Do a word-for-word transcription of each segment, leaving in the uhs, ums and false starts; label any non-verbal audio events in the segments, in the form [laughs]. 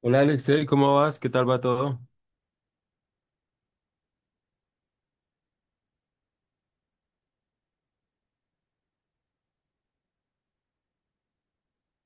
Hola Alexei, ¿cómo vas? ¿Qué tal va todo?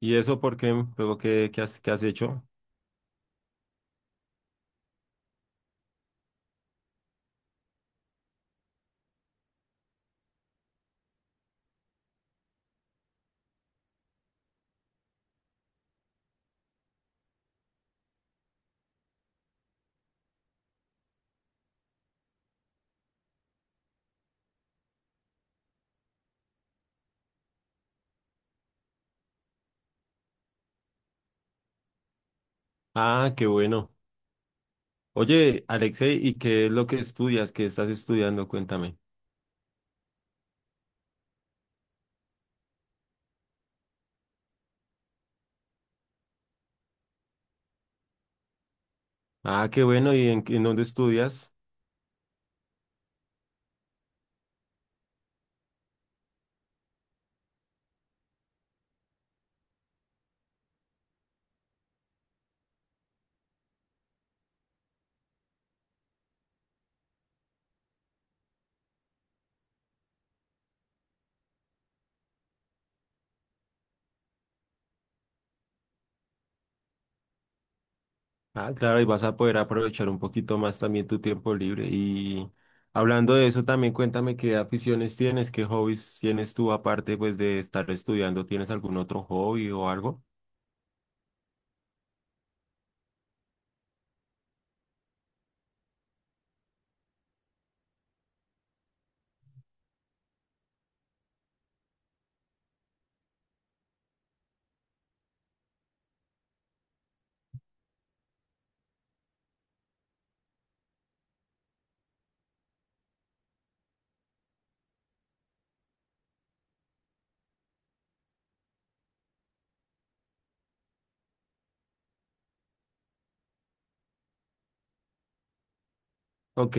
¿Y eso por qué? Luego, ¿qué, qué has, qué has hecho? Ah, qué bueno. Oye, Alexei, ¿y qué es lo que estudias? ¿Qué estás estudiando? Cuéntame. Ah, qué bueno. ¿Y en, en dónde estudias? Ah, claro, y vas a poder aprovechar un poquito más también tu tiempo libre. Y hablando de eso, también cuéntame qué aficiones tienes, qué hobbies tienes tú aparte pues de estar estudiando. ¿Tienes algún otro hobby o algo? Ok.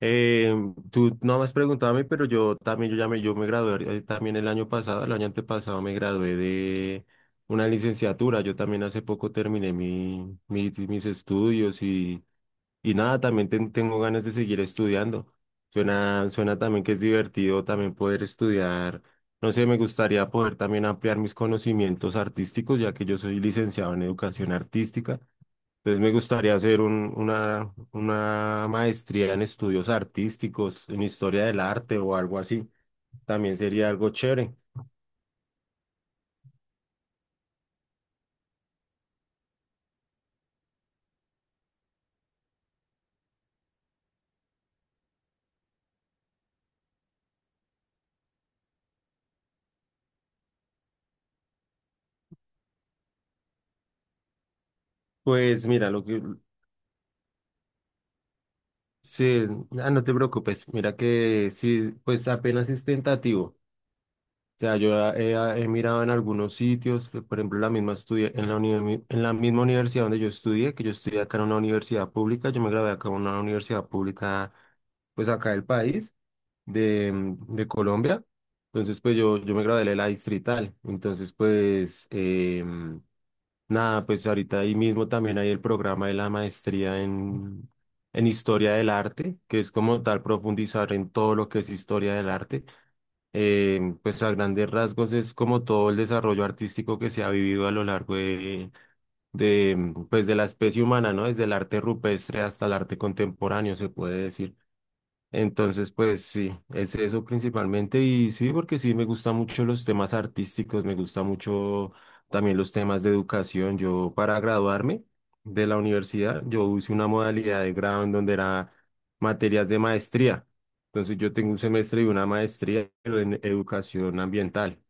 Eh, Tú no me has preguntado a mí, pero yo también, yo ya me, yo me gradué eh, también el año pasado, el año antepasado me gradué de una licenciatura. Yo también hace poco terminé mi, mi- mis estudios y, y nada, también ten- tengo ganas de seguir estudiando. Suena, suena también que es divertido también poder estudiar. No sé, me gustaría poder también ampliar mis conocimientos artísticos, ya que yo soy licenciado en educación artística. Entonces me gustaría hacer un- una, una maestría en estudios artísticos, en historia del arte o algo así. También sería algo chévere. Pues mira, lo que... Sí, ah, no te preocupes. Mira que sí, pues apenas es tentativo. Sea, yo he, he mirado en algunos sitios, que, por ejemplo, la misma estudia, en la, uni- en la misma universidad donde yo estudié, que yo estudié acá en una universidad pública, yo me gradué acá en una universidad pública, pues acá del país, de, mm, de Colombia. Entonces, pues yo, yo me gradué de la distrital. Entonces, pues, em, nada, pues ahorita ahí mismo también hay el programa de la maestría en, en historia del arte, que es como tal profundizar en todo lo que es historia del arte. Eh, pues a grandes rasgos es como todo el desarrollo artístico que se ha vivido a lo largo de, de, pues de la especie humana, ¿no? Desde el arte rupestre hasta el arte contemporáneo, se puede decir. Entonces, pues sí, es eso principalmente. Y sí, porque sí, me gustan mucho los temas artísticos, me gusta mucho también los temas de educación. Yo para graduarme de la universidad, yo hice una modalidad de grado en donde era materias de maestría. Entonces, yo tengo un semestre y una maestría, pero en educación ambiental.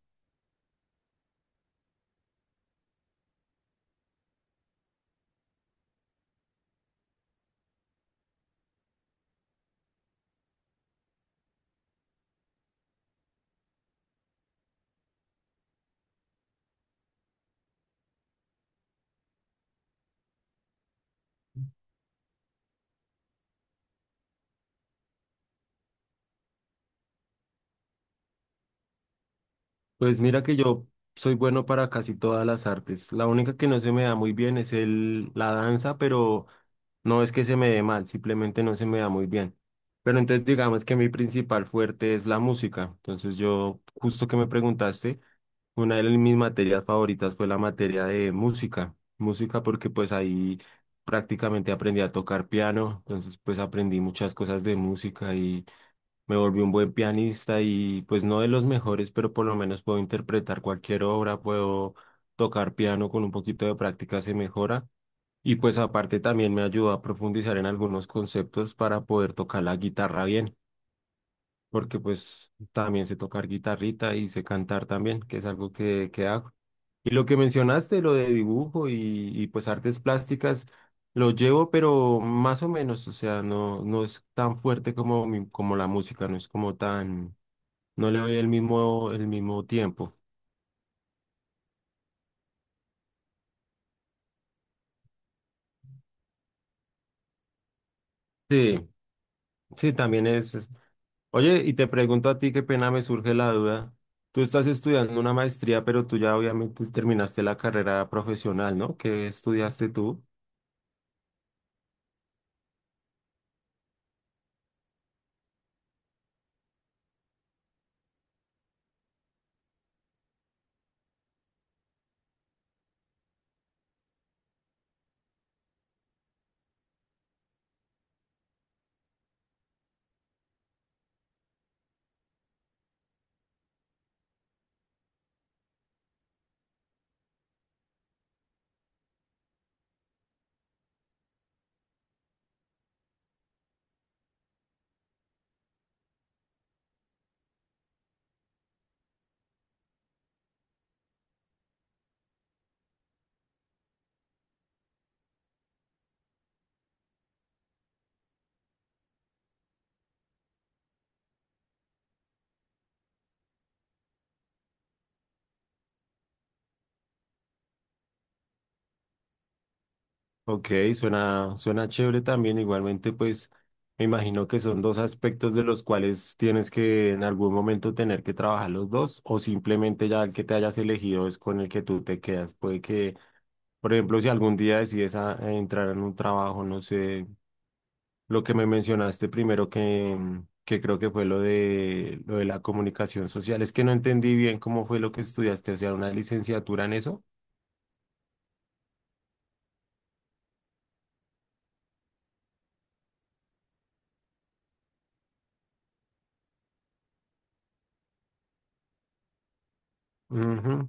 Pues mira que yo soy bueno para casi todas las artes. La única que no se me da muy bien es el, la danza, pero no es que se me dé mal, simplemente no se me da muy bien. Pero entonces digamos que mi principal fuerte es la música. Entonces yo, justo que me preguntaste, una de mis materias favoritas fue la materia de música. Música porque pues ahí prácticamente aprendí a tocar piano, entonces pues aprendí muchas cosas de música y me volví un buen pianista y pues no de los mejores, pero por lo menos puedo interpretar cualquier obra, puedo tocar piano con un poquito de práctica se mejora. Y pues aparte también me ayudó a profundizar en algunos conceptos para poder tocar la guitarra bien, porque pues también sé tocar guitarrita y sé cantar también, que es algo que, que hago. Y lo que mencionaste, lo de dibujo y, y pues artes plásticas, lo llevo, pero más o menos, o sea, no, no es tan fuerte como, mi- como la música, no es como tan no le doy el mismo, el mismo tiempo. Sí, sí, también es. Es- oye, y te pregunto a ti, qué pena me surge la duda. Tú estás estudiando una maestría, pero tú ya obviamente terminaste la carrera profesional, ¿no? ¿Qué estudiaste tú? Ok, suena, suena chévere también. Igualmente, pues me imagino que son dos aspectos de los cuales tienes que en algún momento tener que trabajar los dos, o simplemente ya el que te hayas elegido es con el que tú te quedas. Puede que por ejemplo, si algún día decides a- a entrar en un trabajo, no sé, lo que me mencionaste primero que, mm, que creo que fue lo de, lo de la comunicación social, es que no entendí bien cómo fue lo que estudiaste, o sea, una licenciatura en eso. Ujú,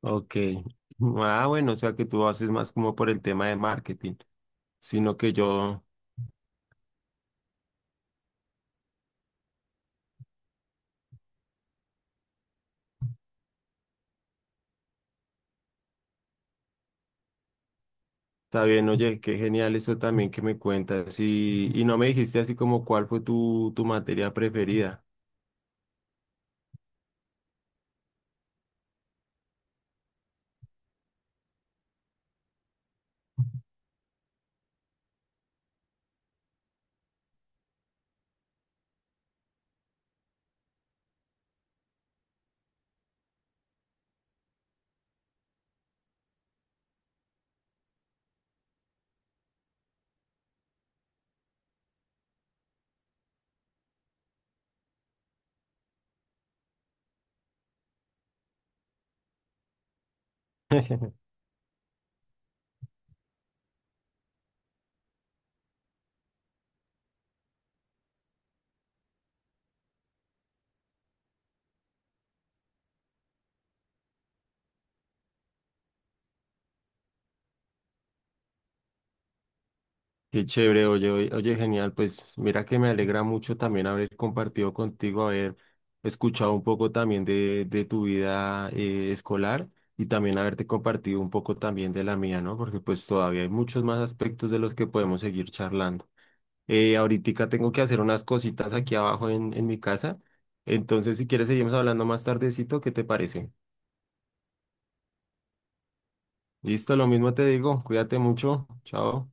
ok. [laughs] Ah, bueno, o sea que tú haces más como por el tema de marketing, sino que yo, está bien, oye, qué genial eso también que me cuentas y, y no me dijiste así como cuál fue tu, tu materia preferida. Qué chévere, oye, oye, oye, genial. Pues mira que me alegra mucho también haber compartido contigo, haber escuchado un poco también de, de tu vida eh, escolar y también haberte compartido un poco también de la mía, ¿no? Porque pues todavía hay muchos más aspectos de los que podemos seguir charlando. Eh, ahoritica tengo que hacer unas cositas aquí abajo en, en mi casa. Entonces, si quieres, seguimos hablando más tardecito, ¿qué te parece? Listo, lo mismo te digo. Cuídate mucho. Chao.